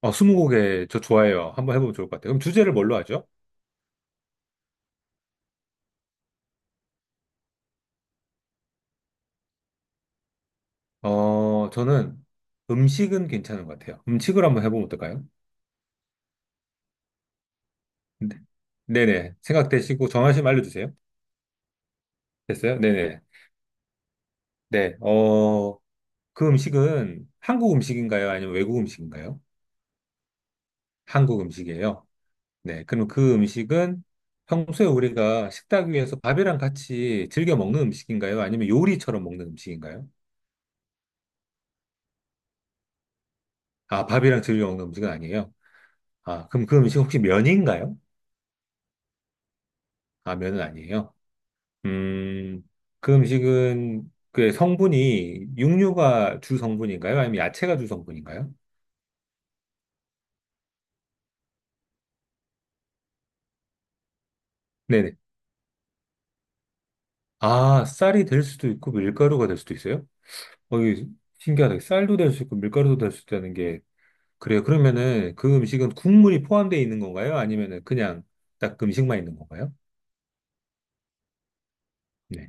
스무고개 저 좋아해요. 한번 해보면 좋을 것 같아요. 그럼 주제를 뭘로 하죠? 저는 음식은 괜찮은 것 같아요. 음식을 한번 해보면 어떨까요? 네. 네네. 생각되시고 정하시면 알려주세요. 됐어요? 네네. 네. 어, 그 음식은 한국 음식인가요? 아니면 외국 음식인가요? 한국 음식이에요. 네. 그럼 그 음식은 평소에 우리가 식탁 위에서 밥이랑 같이 즐겨 먹는 음식인가요? 아니면 요리처럼 먹는 음식인가요? 아, 밥이랑 즐겨 먹는 음식은 아니에요. 아, 그럼 그 음식 혹시 면인가요? 라면은 아니에요. 음, 그 음식은 그 성분이 육류가 주 성분인가요? 아니면 야채가 주 성분인가요? 네네. 아, 쌀이 될 수도 있고 밀가루가 될 수도 있어요? 어, 이 신기하다. 쌀도 될 수 있고 밀가루도 될 수 있다는 게 그래요. 그러면은 그 음식은 국물이 포함되어 있는 건가요? 아니면은 그냥 딱 그 음식만 있는 건가요? 네.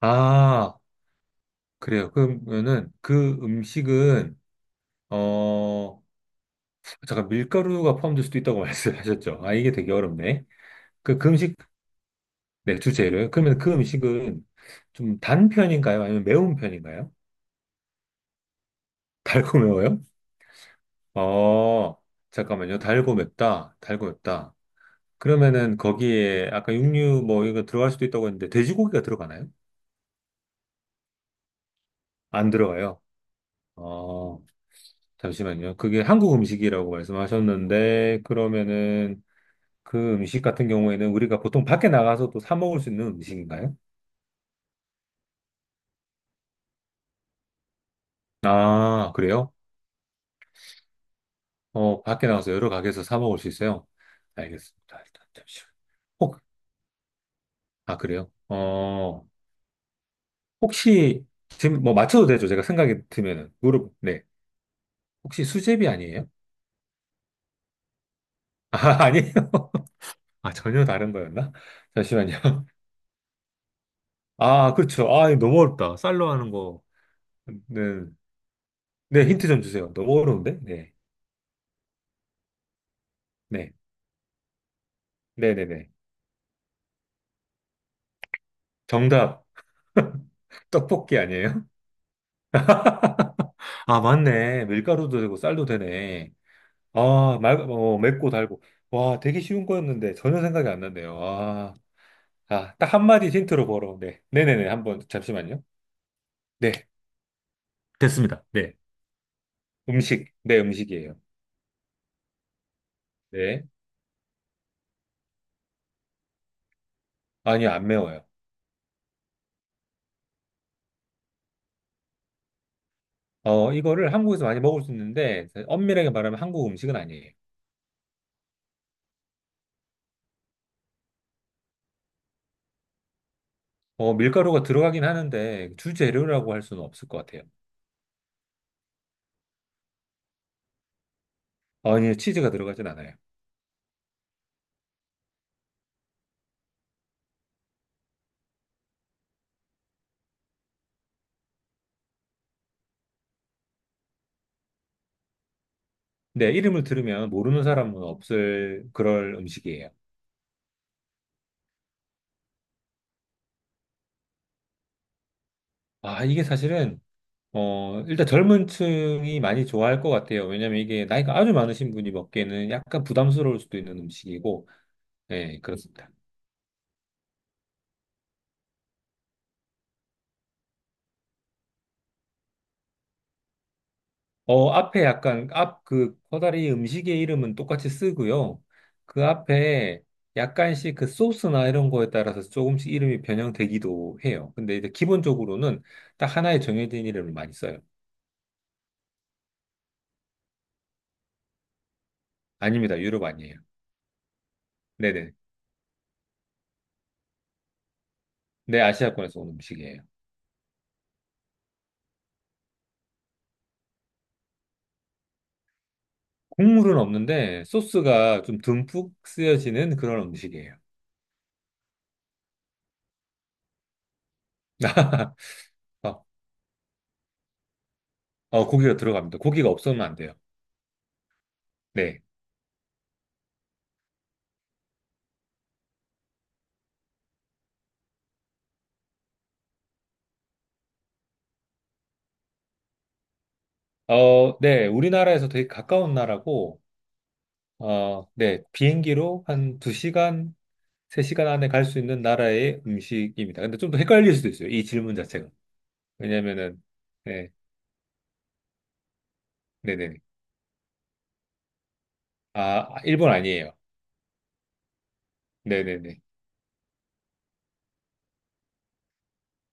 아, 그래요. 그러면은 그 음식은 어, 잠깐 밀가루가 포함될 수도 있다고 말씀하셨죠? 아, 이게 되게 어렵네. 그 음식, 네, 주재료요. 그러면 그 음식은 좀 단 편인가요? 아니면 매운 편인가요? 달고 매워요? 어, 잠깐만요. 달고 맵다. 달고 맵다. 그러면은 거기에 아까 육류 뭐 이거 들어갈 수도 있다고 했는데 돼지고기가 들어가나요? 안 들어가요. 어, 잠시만요. 그게 한국 음식이라고 말씀하셨는데 그러면은 그 음식 같은 경우에는 우리가 보통 밖에 나가서 또 사 먹을 수 있는 음식인가요? 아, 그래요? 어, 밖에 나가서 여러 가게에서 사 먹을 수 있어요? 알겠습니다. 일단 잠시만. 혹, 아, 그래요? 어, 혹시, 지금 뭐 맞춰도 되죠? 제가 생각이 들면은. 무릎, 네. 혹시 수제비 아니에요? 아, 아니에요? 아, 전혀 다른 거였나? 잠시만요. 아, 그렇죠. 아, 이거 너무 어렵다. 쌀로 하는 거는. 네, 힌트 좀 주세요. 너무 어려운데? 네. 네. 네네네. 정답, 떡볶이 아니에요? 아, 맞네. 밀가루도 되고 쌀도 되네. 맵고 달고. 와, 되게 쉬운 거였는데 전혀 생각이 안 났네요. 아, 아, 딱 한마디 힌트로 보러. 네. 네네네. 한번, 잠시만요. 네. 됐습니다. 네. 음식. 네, 음식이에요. 네. 아니요, 안 매워요. 어, 이거를 한국에서 많이 먹을 수 있는데 엄밀하게 말하면 한국 음식은 아니에요. 어, 밀가루가 들어가긴 하는데 주재료라고 할 수는 없을 것 같아요. 아니요, 치즈가 들어가진 않아요. 네, 이름을 들으면 모르는 사람은 없을 그럴 음식이에요. 아, 이게 사실은 일단 젊은 층이 많이 좋아할 것 같아요. 왜냐면 이게 나이가 아주 많으신 분이 먹기에는 약간 부담스러울 수도 있는 음식이고, 네, 그렇습니다. 어, 앞에 약간, 앞 그 커다리 음식의 이름은 똑같이 쓰고요. 그 앞에 약간씩 그 소스나 이런 거에 따라서 조금씩 이름이 변형되기도 해요. 근데 이제 기본적으로는 딱 하나의 정해진 이름을 많이 써요. 아닙니다. 유럽 아니에요. 네네. 네, 아시아권에서 온 음식이에요. 국물은 없는데 소스가 좀 듬뿍 쓰여지는 그런 음식이에요. 어, 고기가 들어갑니다. 고기가 없으면 안 돼요. 네. 어, 네. 우리나라에서 되게 가까운 나라고, 어, 네. 비행기로 한 2시간, 3시간 안에 갈 수 있는 나라의 음식입니다. 근데 좀 더 헷갈릴 수도 있어요. 이 질문 자체가. 왜냐면은, 네. 네네네. 아, 일본 아니에요. 네네네.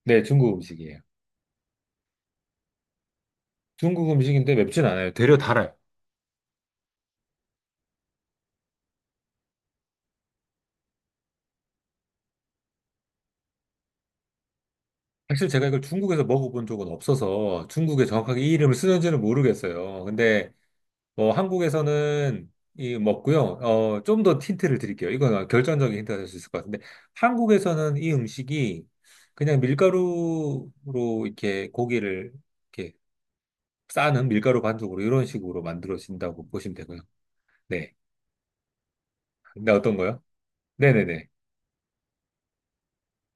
네. 중국 음식이에요. 중국 음식인데 맵진 않아요. 되려 달아요. 사실 제가 이걸 중국에서 먹어본 적은 없어서 중국에 정확하게 이 이름을 쓰는지는 모르겠어요. 근데 뭐 한국에서는 이 먹고요. 어, 좀 더 힌트를 드릴게요. 이건 결정적인 힌트가 될 수 있을 것 같은데 한국에서는 이 음식이 그냥 밀가루로 이렇게 고기를 이렇게 싸는 밀가루 반죽으로 이런 식으로 만들어진다고 보시면 되고요. 네. 근데 어떤 거요? 네네네.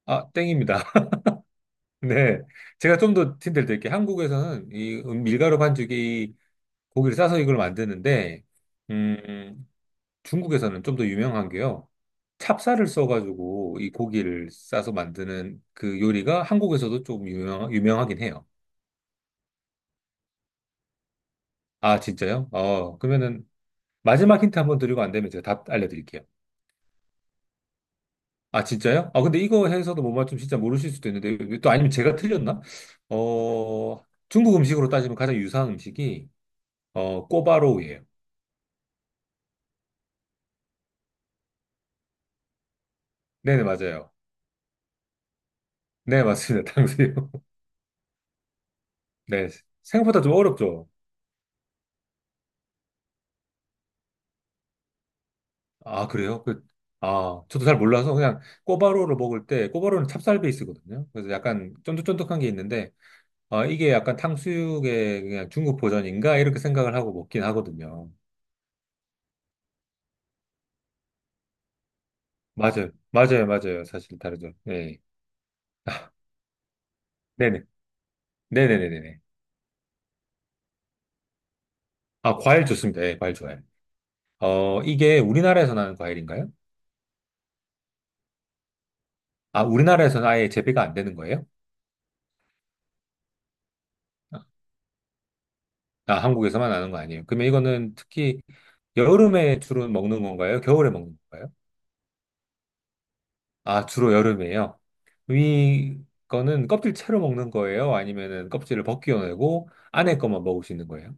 아, 땡입니다. 네. 제가 좀 더 힌트를 드릴게요. 한국에서는 이 밀가루 반죽이 고기를 싸서 이걸 만드는데 음, 중국에서는 좀 더 유명한 게요. 찹쌀을 써가지고 이 고기를 싸서 만드는 그 요리가 한국에서도 좀 유명하긴 해요. 아, 진짜요? 어, 그러면은 마지막 힌트 한번 드리고 안 되면 제가 답 알려드릴게요. 아, 진짜요? 아, 근데 이거 해서도 못 맞추면 진짜 모르실 수도 있는데 또 아니면 제가 틀렸나? 어, 중국 음식으로 따지면 가장 유사한 음식이 어, 꼬바로우예요. 네네, 맞아요. 네, 맞습니다. 탕수육. 네, 생각보다 좀 어렵죠? 아, 그래요? 그, 아, 저도 잘 몰라서 그냥 꼬바로우를 먹을 때, 꼬바로우는 찹쌀 베이스거든요. 그래서 약간 쫀득쫀득한 게 있는데, 아, 이게 약간 탕수육의 그냥 중국 버전인가? 이렇게 생각을 하고 먹긴 하거든요. 맞아요. 맞아요. 맞아요. 사실 다르죠. 네. 네네. 네네네네네. 아, 과일 좋습니다. 예, 과일 좋아요. 어, 이게 우리나라에서 나는 과일인가요? 아, 우리나라에서는 아예 재배가 안 되는 거예요? 아, 한국에서만 나는 거 아니에요. 그러면 이거는 특히 여름에 주로 먹는 건가요? 겨울에 먹는 건가요? 아, 주로 여름이에요. 이거는 껍질 채로 먹는 거예요? 아니면은 껍질을 벗겨내고 안에 것만 먹을 수 있는 거예요?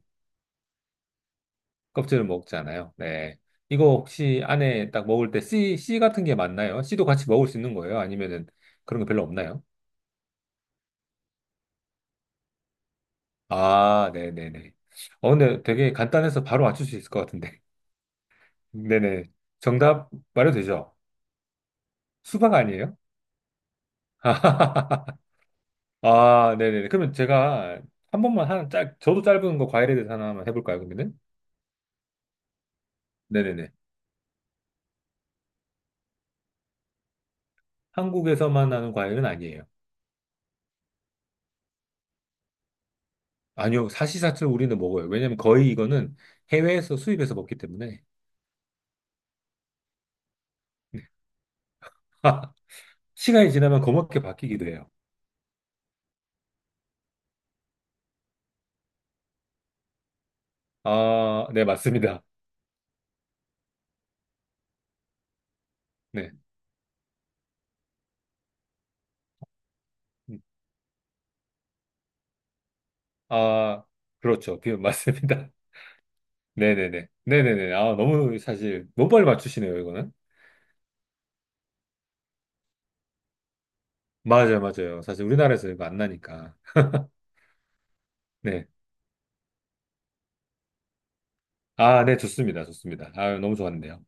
껍질은 먹지 않아요. 네. 이거 혹시 안에 딱 먹을 때 씨 같은 게 맞나요? 씨도 같이 먹을 수 있는 거예요? 아니면은 그런 거 별로 없나요? 아, 네네네. 어, 근데 되게 간단해서 바로 맞출 수 있을 것 같은데. 네네. 정답 말해도 되죠? 수박 아니에요? 아, 네네네. 그러면 제가 한 번만 저도 짧은 거 과일에 대해서 하나 만 해볼까요, 그러면은? 네네네. 한국에서만 나는 과일은 아니에요. 아니요, 사시사철 우리는 먹어요. 왜냐면 거의 이거는 해외에서 수입해서 먹기 때문에. 시간이 지나면 검게 바뀌기도 해요. 아, 네, 맞습니다. 네. 음. 아, 그렇죠. 비- 맞습니다. 네네네. 네네네. 아, 너무 사실, 너무 빨리 맞추시네요, 이거는. 맞아요, 맞아요. 사실 우리나라에서 이거 안 나니까. 네. 아, 네, 좋습니다. 좋습니다. 아, 너무 좋았는데요.